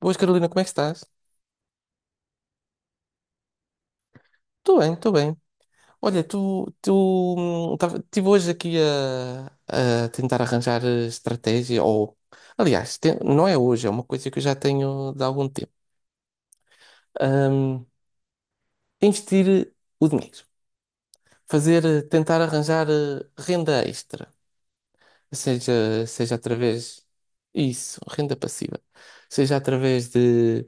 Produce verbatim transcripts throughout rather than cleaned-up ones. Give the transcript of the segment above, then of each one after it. Boas, Carolina, como é que estás? Estou bem, estou bem. Olha, tu, tu hum, tava- estive hoje aqui a, a tentar arranjar eh, estratégia, ou aliás, te- não é hoje, é uma coisa que eu já tenho de algum tempo. Hum, Investir o dinheiro, fazer, eh, tentar arranjar eh, renda extra. seja, seja, através isso, renda passiva, seja através de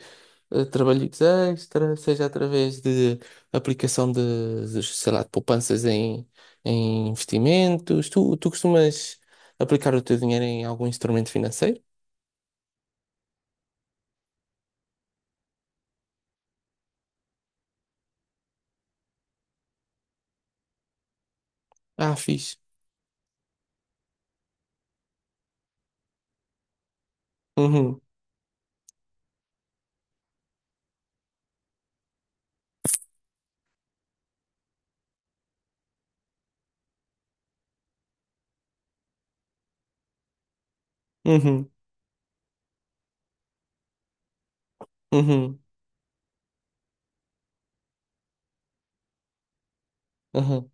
eh, trabalhos extra, seja através de aplicação de, de, sei lá, de poupanças em, em investimentos. Tu, tu costumas aplicar o teu dinheiro em algum instrumento financeiro? Ah, fixe. Uhum, uhum, uhum, uhum.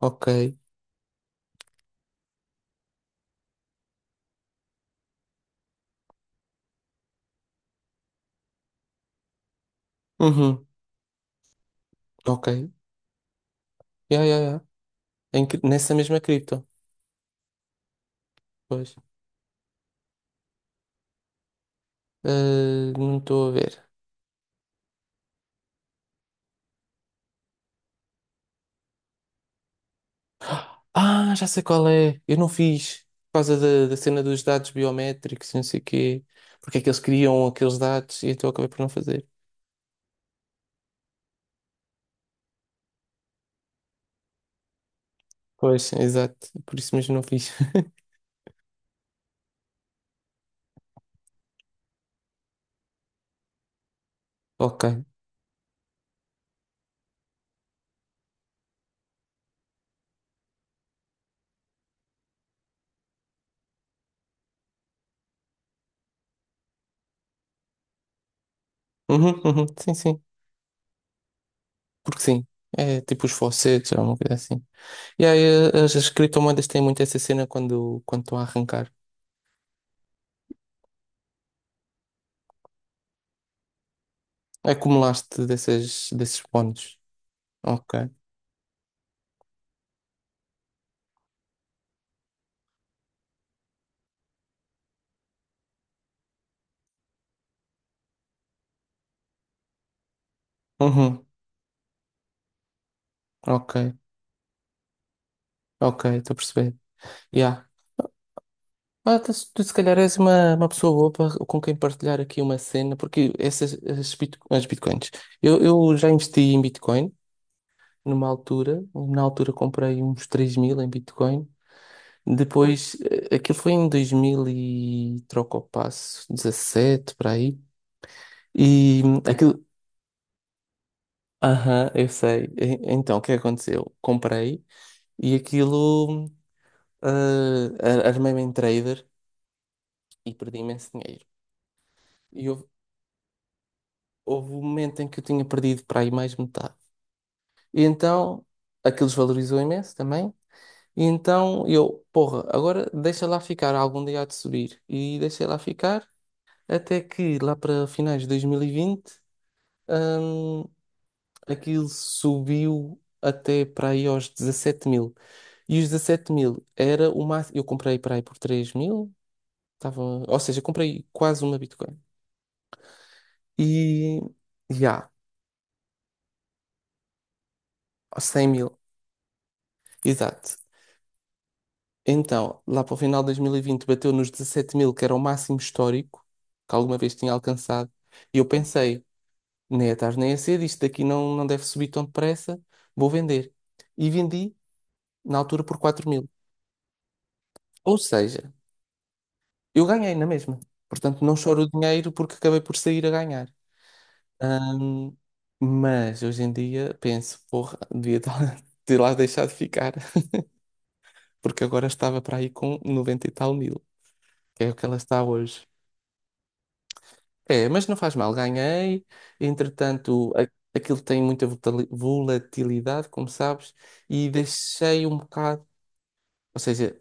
Ok. Uhum. Ok. Yeah, yeah, yeah. Em cri- nessa mesma cripto, pois. Eh, não estou a ver. Ah, já sei qual é. Eu não fiz Por causa da, da cena dos dados biométricos, e não sei o quê. Porque é que eles criam aqueles dados e então eu acabei por não fazer. Pois, exato. Por isso mesmo não fiz. Ok. Uhum, uhum. Sim, sim. Porque sim. É tipo os falsetes ou uma coisa assim. E aí eh, as, as criptomoedas têm muito essa cena quando, quando estão a arrancar. Acumulaste dessas, desses bónus. Ok. Uhum. Ok. Ok, estou a perceber. Yeah. Ah, tu, tu se calhar és uma, uma pessoa boa para, com quem partilhar aqui uma cena, porque essas as, bit- as bitcoins. Eu, eu já investi em Bitcoin numa altura, na altura comprei uns três mil em Bitcoin. Depois, eh, aquilo foi em dois mil e troca o passo, dezassete para aí. E hum, aquilo. Aham, eu sei. E- Então, o que é que aconteceu? Comprei e aquilo. hum, ah, ar- armei-me em trader e perdi imenso dinheiro. E eu, Houve um momento em que eu tinha perdido para aí mais metade. E então, aquilo desvalorizou imenso também. E então eu, porra, agora deixa lá ficar, algum dia há de subir. E deixei lá ficar até que lá para finais de dois mil e vinte, hum, aquilo subiu até para aí aos dezassete mil. E os dezassete mil era o máximo. Eu comprei para aí por três mil, tava, ou seja, comprei quase uma Bitcoin. E já, Aos cem mil, exato. Então, lá para o final de dois mil e vinte bateu nos dezassete mil, que era o máximo histórico que alguma vez tinha alcançado. E eu pensei, nem é tarde nem é cedo, isto daqui não, não deve subir tão depressa, vou vender. E vendi, na altura, por quatro mil. Ou seja, eu ganhei na mesma. Portanto, não choro o dinheiro porque acabei por sair a ganhar. Ahm, mas hoje em dia penso, porra, devia tá- ter lá deixado ficar, porque agora estava para aí com noventa e tal mil, que é o que ela está hoje. É, mas não faz mal, ganhei. Entretanto, a- Aquilo tem muita votali- volatilidade, como sabes, e deixei um bocado, ou seja,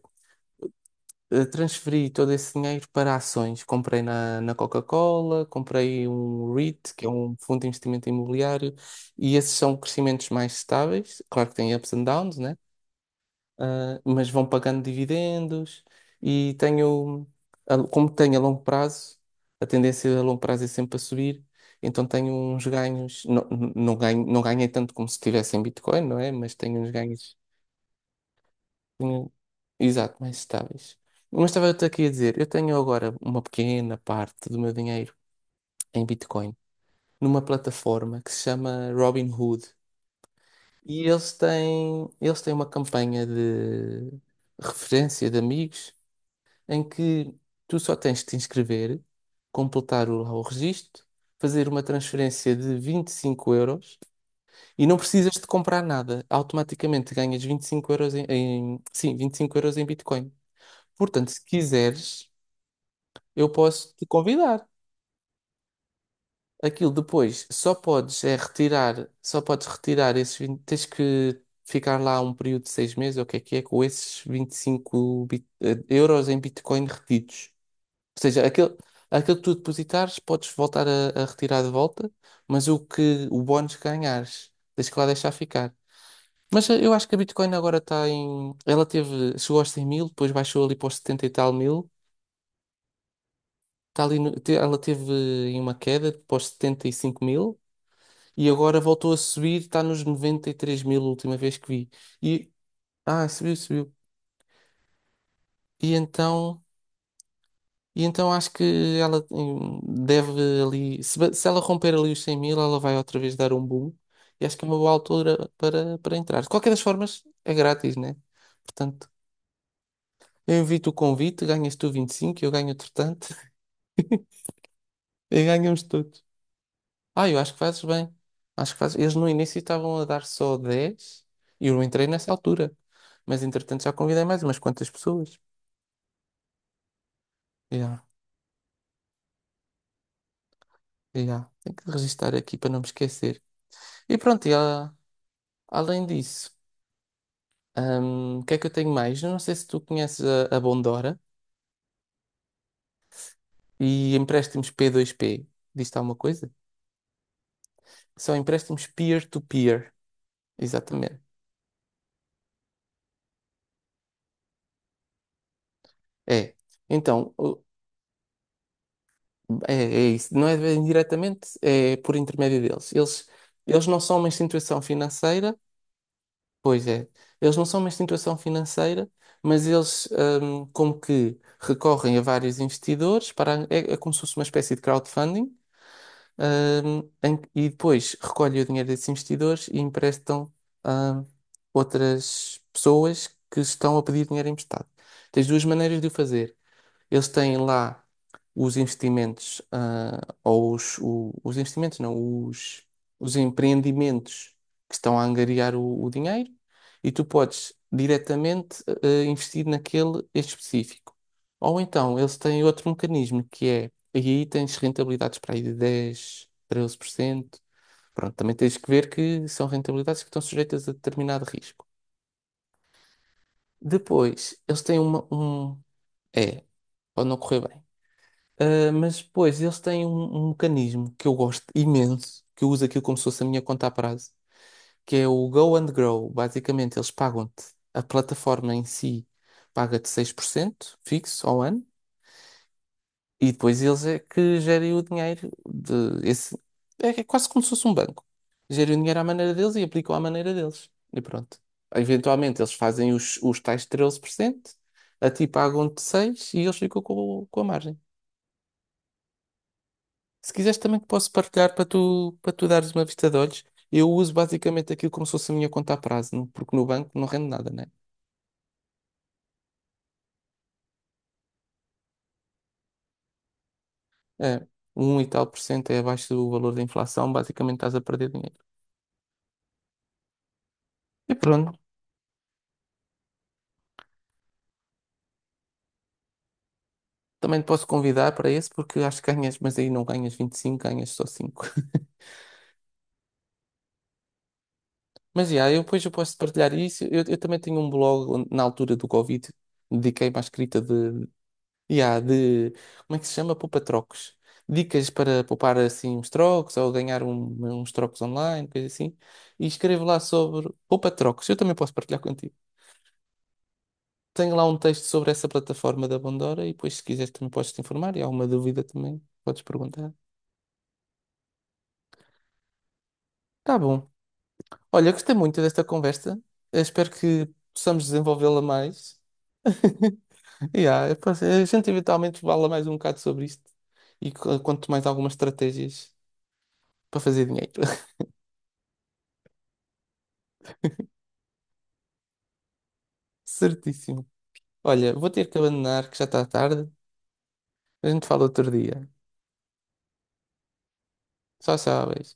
eh, transferi todo esse dinheiro para ações. Comprei na, na Coca-Cola, comprei um REIT, que é um fundo de investimento imobiliário, e esses são crescimentos mais estáveis. Claro que tem ups and downs, né? Ah, mas vão pagando dividendos e tenho, a- como tenho a longo prazo, a tendência a longo prazo é sempre a subir, então tenho uns ganhos, não, não ganho, não ganhei tanto como se tivesse em Bitcoin, não é? Mas tenho uns ganhos, tenho- exato, mais estáveis. Mas estava-te aqui a dizer, eu tenho agora uma pequena parte do meu dinheiro em Bitcoin, numa plataforma que se chama Robinhood. E eles têm, eles têm uma campanha de referência de amigos em que tu só tens de te inscrever, completar o, lá o registro, fazer uma transferência de vinte e cinco euros e não precisas de comprar nada. Automaticamente ganhas vinte e cinco euros em, em- sim, vinte e cinco euros em Bitcoin. Portanto, se quiseres, eu posso te convidar. Aquilo depois só podes é retirar, só podes retirar esses vinte, tens que ficar lá um período de seis meses, ou o que é que é, com esses vinte e cinco bit- eh, euros em Bitcoin retidos. Ou seja, aquele, aquele que tu depositares, podes voltar a, a retirar de volta, mas o que o bónus que ganhares, tens que lá deixar ficar. Mas eh, eu acho que a Bitcoin agora está em. Ela teve. Chegou aos cem mil, depois baixou ali para os setenta e tal mil. Está ali no- te- Ela teve em uma queda para os setenta e cinco mil e agora voltou a subir, está nos noventa e três mil, a última vez que vi. E, ah, Subiu, subiu. E então. E então acho que ela hum, deve ali. Se, ba- se ela romper ali os cem mil, ela vai outra vez dar um boom. E acho que é uma boa altura para, para entrar. De qualquer das formas, é grátis, né? Portanto, eu invito o convite, ganhas tu vinte e cinco, eu ganho outro tanto, e ganhamos todos. Ah, eu acho que fazes bem. Acho que fazes. Eles no início estavam a dar só dez e eu não entrei nessa altura. Mas entretanto já convidei mais umas quantas pessoas. Já, já. Tenho que registar aqui para não me esquecer. E pronto, e, ah, além disso. Ahm, o que é que eu tenho mais? Eu não sei se tu conheces a, a Bondora e empréstimos P dois P. Diz-te alguma coisa? São empréstimos peer-to-peer. Exatamente. É. Então, o- É, é isso. Não é bem diretamente, é por intermédio deles. Eles, eles não são uma instituição financeira, pois é. Eles não são uma instituição financeira, mas eles, ahm, como que recorrem a vários investidores para, é é como se fosse uma espécie de crowdfunding ahm, em- e depois recolhem o dinheiro desses investidores e emprestam a outras pessoas que estão a pedir dinheiro emprestado. Tens duas maneiras de o fazer. Eles têm lá os investimentos, ah, ou os, o- os investimentos, não, os, os empreendimentos que estão a angariar o, o dinheiro e tu podes diretamente eh, investir naquele específico. Ou então eles têm outro mecanismo que é, e aí tens rentabilidades para aí de dez treze por cento. Pronto, também tens que ver que são rentabilidades que estão sujeitas a determinado risco. Depois, eles têm uma, um. É, pode não correr bem. Ah, mas pois, eles têm um, um mecanismo que eu gosto imenso, que eu uso aquilo como se fosse a minha conta a prazo, que é o Go and Grow. Basicamente, eles pagam-te, a plataforma em si paga-te seis por cento fixo ao ano, e depois eles é que gerem o dinheiro de esse. É, é quase como se fosse um banco. Gerem o dinheiro à maneira deles e aplicam à maneira deles. E pronto. Eventualmente, eles fazem os, os tais treze por cento a ti pagam-te seis por cento e eles ficam com, com a margem. Se quiseres também que posso partilhar para tu, para tu dares uma vista de olhos. Eu uso basicamente aquilo como se fosse a minha conta a prazo, no- porque no banco não rende nada, né? É, um e tal por cento é abaixo do valor da inflação, basicamente estás a perder dinheiro. E pronto, também te posso convidar para esse, porque acho que ganhas, mas aí não ganhas vinte e cinco ganhas só cinco. Mas já, eu depois eu posso partilhar isso. Eu, eu também tenho um blog onde, na altura do Covid, dediquei-me à escrita de E há de. Como é que se chama? Poupa-trocos. Dicas para poupar assim uns trocos ou ganhar um- uns trocos online, coisa assim. E escrevo lá sobre poupa-trocos. Eu também posso partilhar contigo. Tenho lá um texto sobre essa plataforma da Bondora e depois, se quiseres, também podes te informar. E há alguma dúvida também, podes perguntar. Tá bom. Olha, gostei muito desta conversa. Eu espero que possamos desenvolvê-la mais. Yeah, a gente eventualmente fala mais um bocado sobre isto e co- conto mais algumas estratégias para fazer dinheiro. Certíssimo. Olha, vou ter que abandonar, que já está tarde. A gente fala outro dia. Tchau, tchau, beijo.